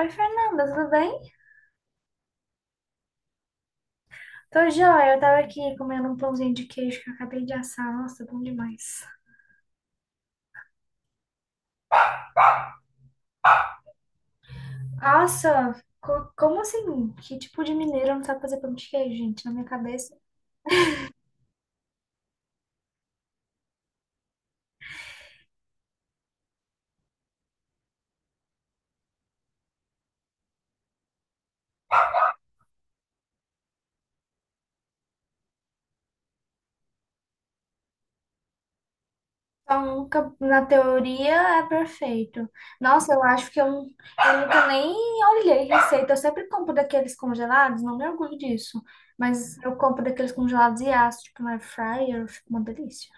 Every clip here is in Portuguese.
Oi, Fernanda, tudo bem? Tô joia, eu tava aqui comendo um pãozinho de queijo que eu acabei de assar. Nossa, bom demais. Nossa, como assim? Que tipo de mineiro não sabe fazer pão de queijo, gente? Na minha cabeça, pão nunca, na teoria, é perfeito. Nossa, eu acho que eu nunca nem olhei receita. Eu sempre compro daqueles congelados, não me orgulho disso. Mas eu compro daqueles congelados e asso, tipo, na air fryer, fica uma delícia.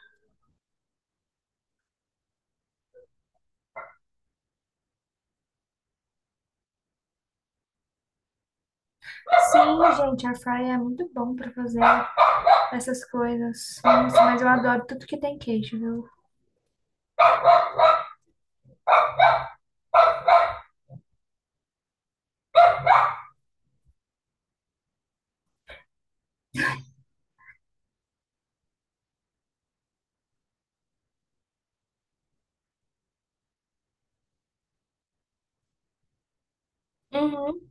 Sim, gente, air fryer é muito bom pra fazer essas coisas. Nossa, mas eu adoro tudo que tem queijo, viu? Uhum.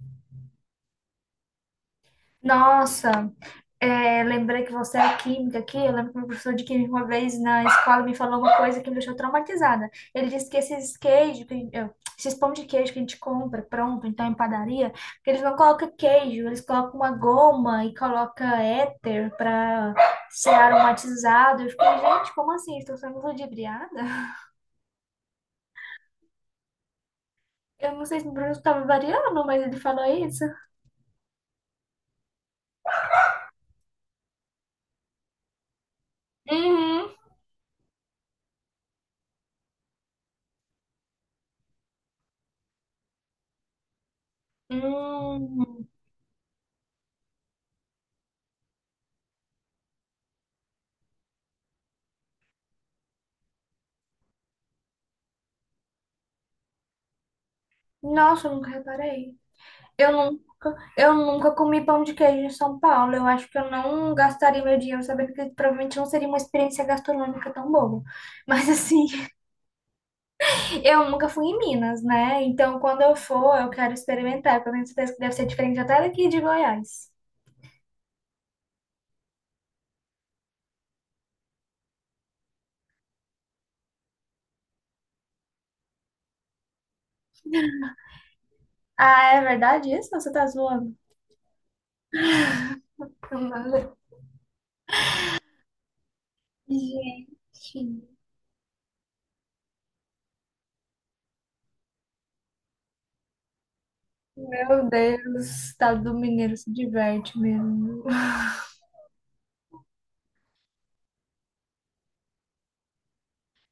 Nossa, é, lembrei que você é química aqui. Eu lembro que meu professor de química uma vez na escola me falou uma coisa que me deixou traumatizada. Ele disse que esses queijos, esses pão de queijo que a gente compra pronto, então em padaria, que eles não colocam queijo, eles colocam uma goma e colocam éter para ser aromatizado. Eu fiquei, gente, como assim? Estou sendo ludibriada? Eu não sei se o Bruno estava variando, mas ele falou isso. Uhum. Hum, nossa, eu nunca reparei. Eu nunca comi pão de queijo em São Paulo. Eu acho que eu não gastaria meu dinheiro sabendo que provavelmente não seria uma experiência gastronômica tão boa. Mas assim, eu nunca fui em Minas, né? Então, quando eu for, eu quero experimentar, porque eu tenho certeza que deve ser diferente até daqui de Goiás. Ah, é verdade isso? Ou você tá zoando? Nada. Gente, meu Deus, o estado do Mineiro se diverte mesmo.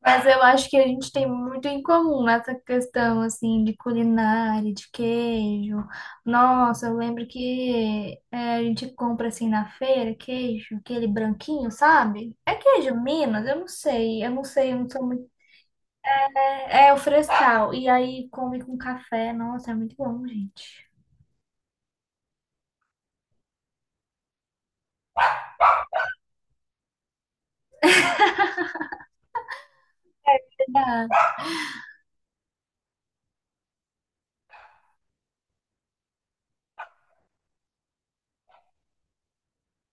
Mas eu acho que a gente tem muito em comum nessa questão, assim, de culinária, de queijo. Nossa, eu lembro que é, a gente compra, assim, na feira, queijo, aquele branquinho, sabe? É queijo Minas? Eu não sei, eu não sei, eu não sou muito... É, é o frescal. E aí come com café. Nossa, é muito bom, gente. Verdade.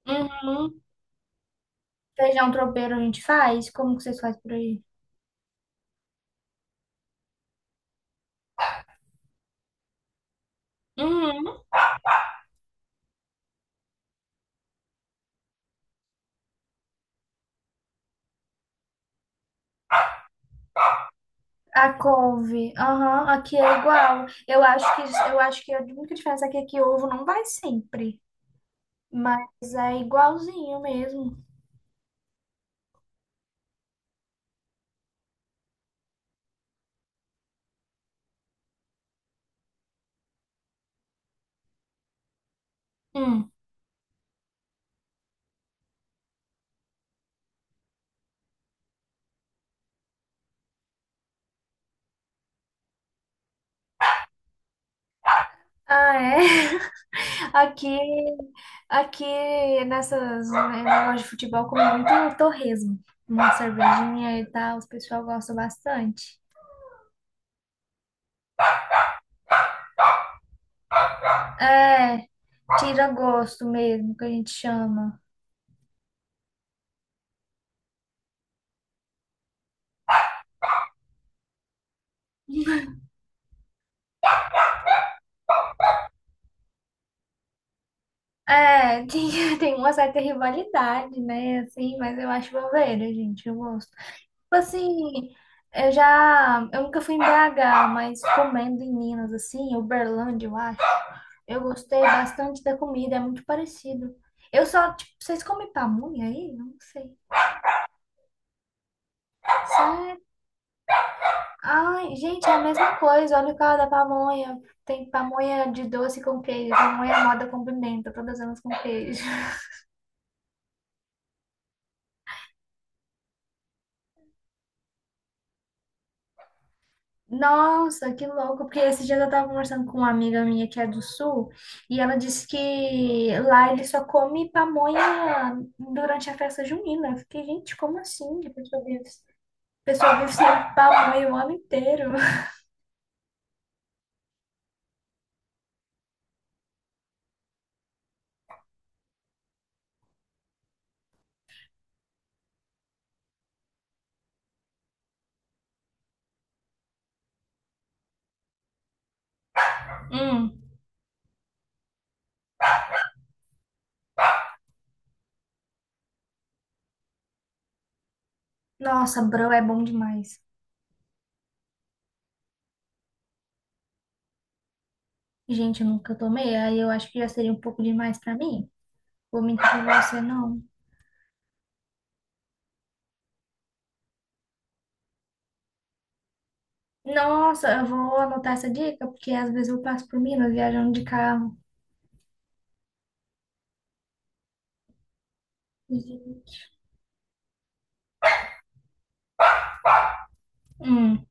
Uhum. Feijão tropeiro a gente faz? Como que vocês fazem por aí? Uhum. A couve, aham, aqui é igual. Eu acho que a única diferença aqui é que ovo não vai sempre, mas é igualzinho mesmo. Hum. Ah, é? Aqui, aqui nessas né, negócio de futebol come muito torresmo, uma cervejinha e tal, os pessoal gosta bastante. É, tira gosto mesmo, que a gente chama. É, tem, tem uma certa rivalidade, né, assim, mas eu acho bobeira, gente, eu gosto. Assim, eu já. Eu nunca fui em BH, mas comendo em Minas, assim, Uberlândia, eu acho. Eu gostei bastante da comida, é muito parecido. Eu só, tipo, vocês comem pamonha aí? Não sei. Sério? Ai, gente, é a mesma coisa. Olha o cara da pamonha. Tem pamonha de doce com queijo, pamonha moda com pimenta, todas elas com queijo. Nossa, que louco, porque esse dia eu tava conversando com uma amiga minha que é do sul e ela disse que lá ele só come pamonha durante a festa junina. Eu fiquei, gente, como assim? A pessoa vive sem pamonha o ano inteiro. Hum, nossa, bro, é bom demais. Gente, eu nunca tomei, aí eu acho que já seria um pouco demais pra mim. Vou mentir pra você, não. Nossa, eu vou anotar essa dica, porque às vezes eu passo por Minas viajando de carro. Hum.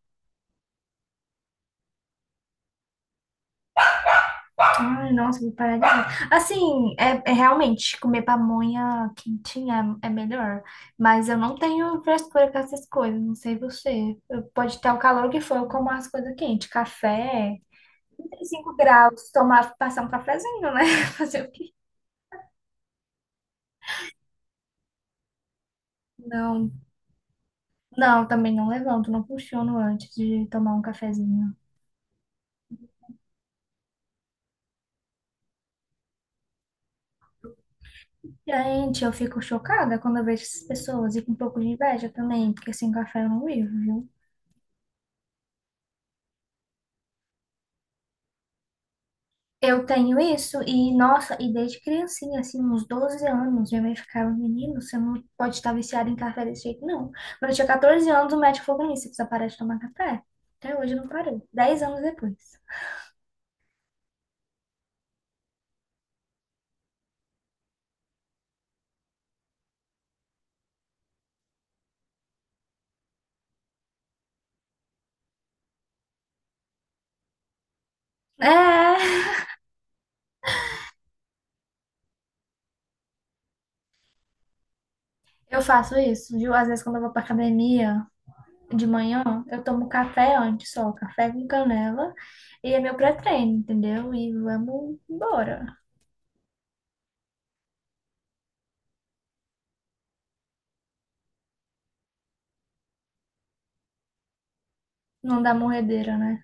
Ai, nossa, vou parar de comer. Assim, é, é realmente comer pamonha quentinha é, é melhor. Mas eu não tenho frescura com essas coisas, não sei você. Pode ter o calor que for, eu como as coisas quentes. Café, 35 graus, tomar, passar um cafezinho, né? Fazer o quê? Não, não, também não levanto, não funciono antes de tomar um cafezinho. Gente, eu fico chocada quando eu vejo essas pessoas e com um pouco de inveja também, porque sem café eu não vivo, viu? Eu tenho isso e, nossa, e desde criancinha, assim, uns 12 anos, minha mãe ficava, menino, você não pode estar viciado em café desse jeito, não. Quando eu tinha 14 anos, o médico falou pra mim, você precisa parar de tomar café. Até hoje eu não parei, dez anos depois. É, eu faço isso, viu? Às vezes quando eu vou pra academia de manhã, eu tomo café antes só, café com canela, e é meu pré-treino, entendeu? E vamos embora. Não dá morredeira, né?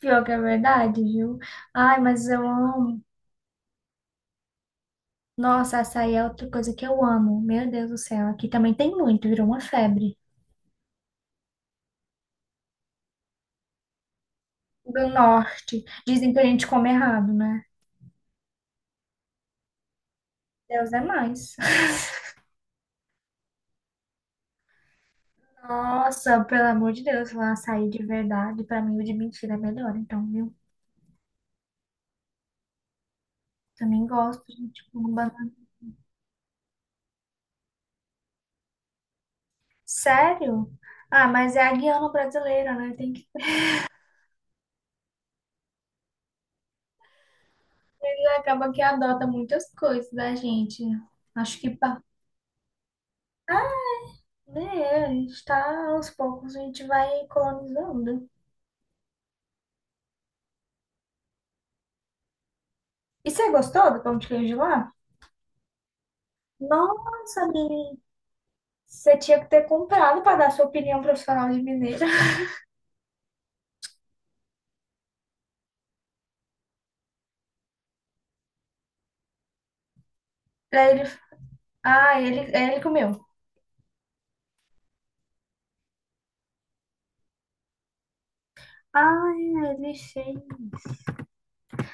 Pior que é verdade, viu? Ai, mas eu amo. Nossa, açaí é outra coisa que eu amo. Meu Deus do céu, aqui também tem muito, virou uma febre. Do norte, dizem que a gente come errado, né? Deus é mais. Nossa, pelo amor de Deus, lá açaí de verdade, pra mim o de mentira é melhor, então, viu? Também gosto, gente, com banana. Sério? Ah, mas é a guiana brasileira, né? Tem que ele acaba que adota muitas coisas da gente. Acho que pá, né, a gente tá aos poucos, a gente vai colonizando. E você gostou do pão de queijo lá? Nossa, menina. Você tinha que ter comprado para dar sua opinião profissional de mineira. Aí ele, ah, ele comeu. Ah, ele sim.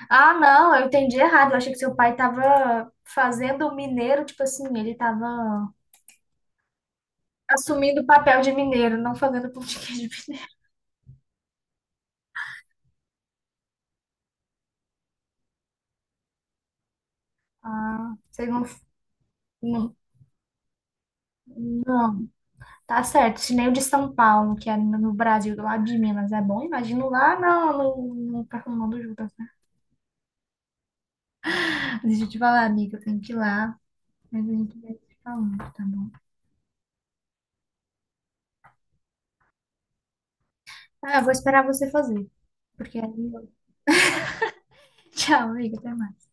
Ah, não, eu entendi errado. Eu achei que seu pai tava fazendo o mineiro, tipo assim, ele tava assumindo o papel de mineiro, não fazendo pão de queijo. Ah, você não, não. Tá certo. Se nem o de São Paulo, que é no Brasil, do lado de Minas, é bom. Imagino lá, não, no, no, no, no, no, deixa eu te falar, amiga, eu tenho que ir lá, mas a gente vai se falando, tá bom? Ah, eu vou esperar você fazer. Porque aí eu... Tchau, amiga, até mais.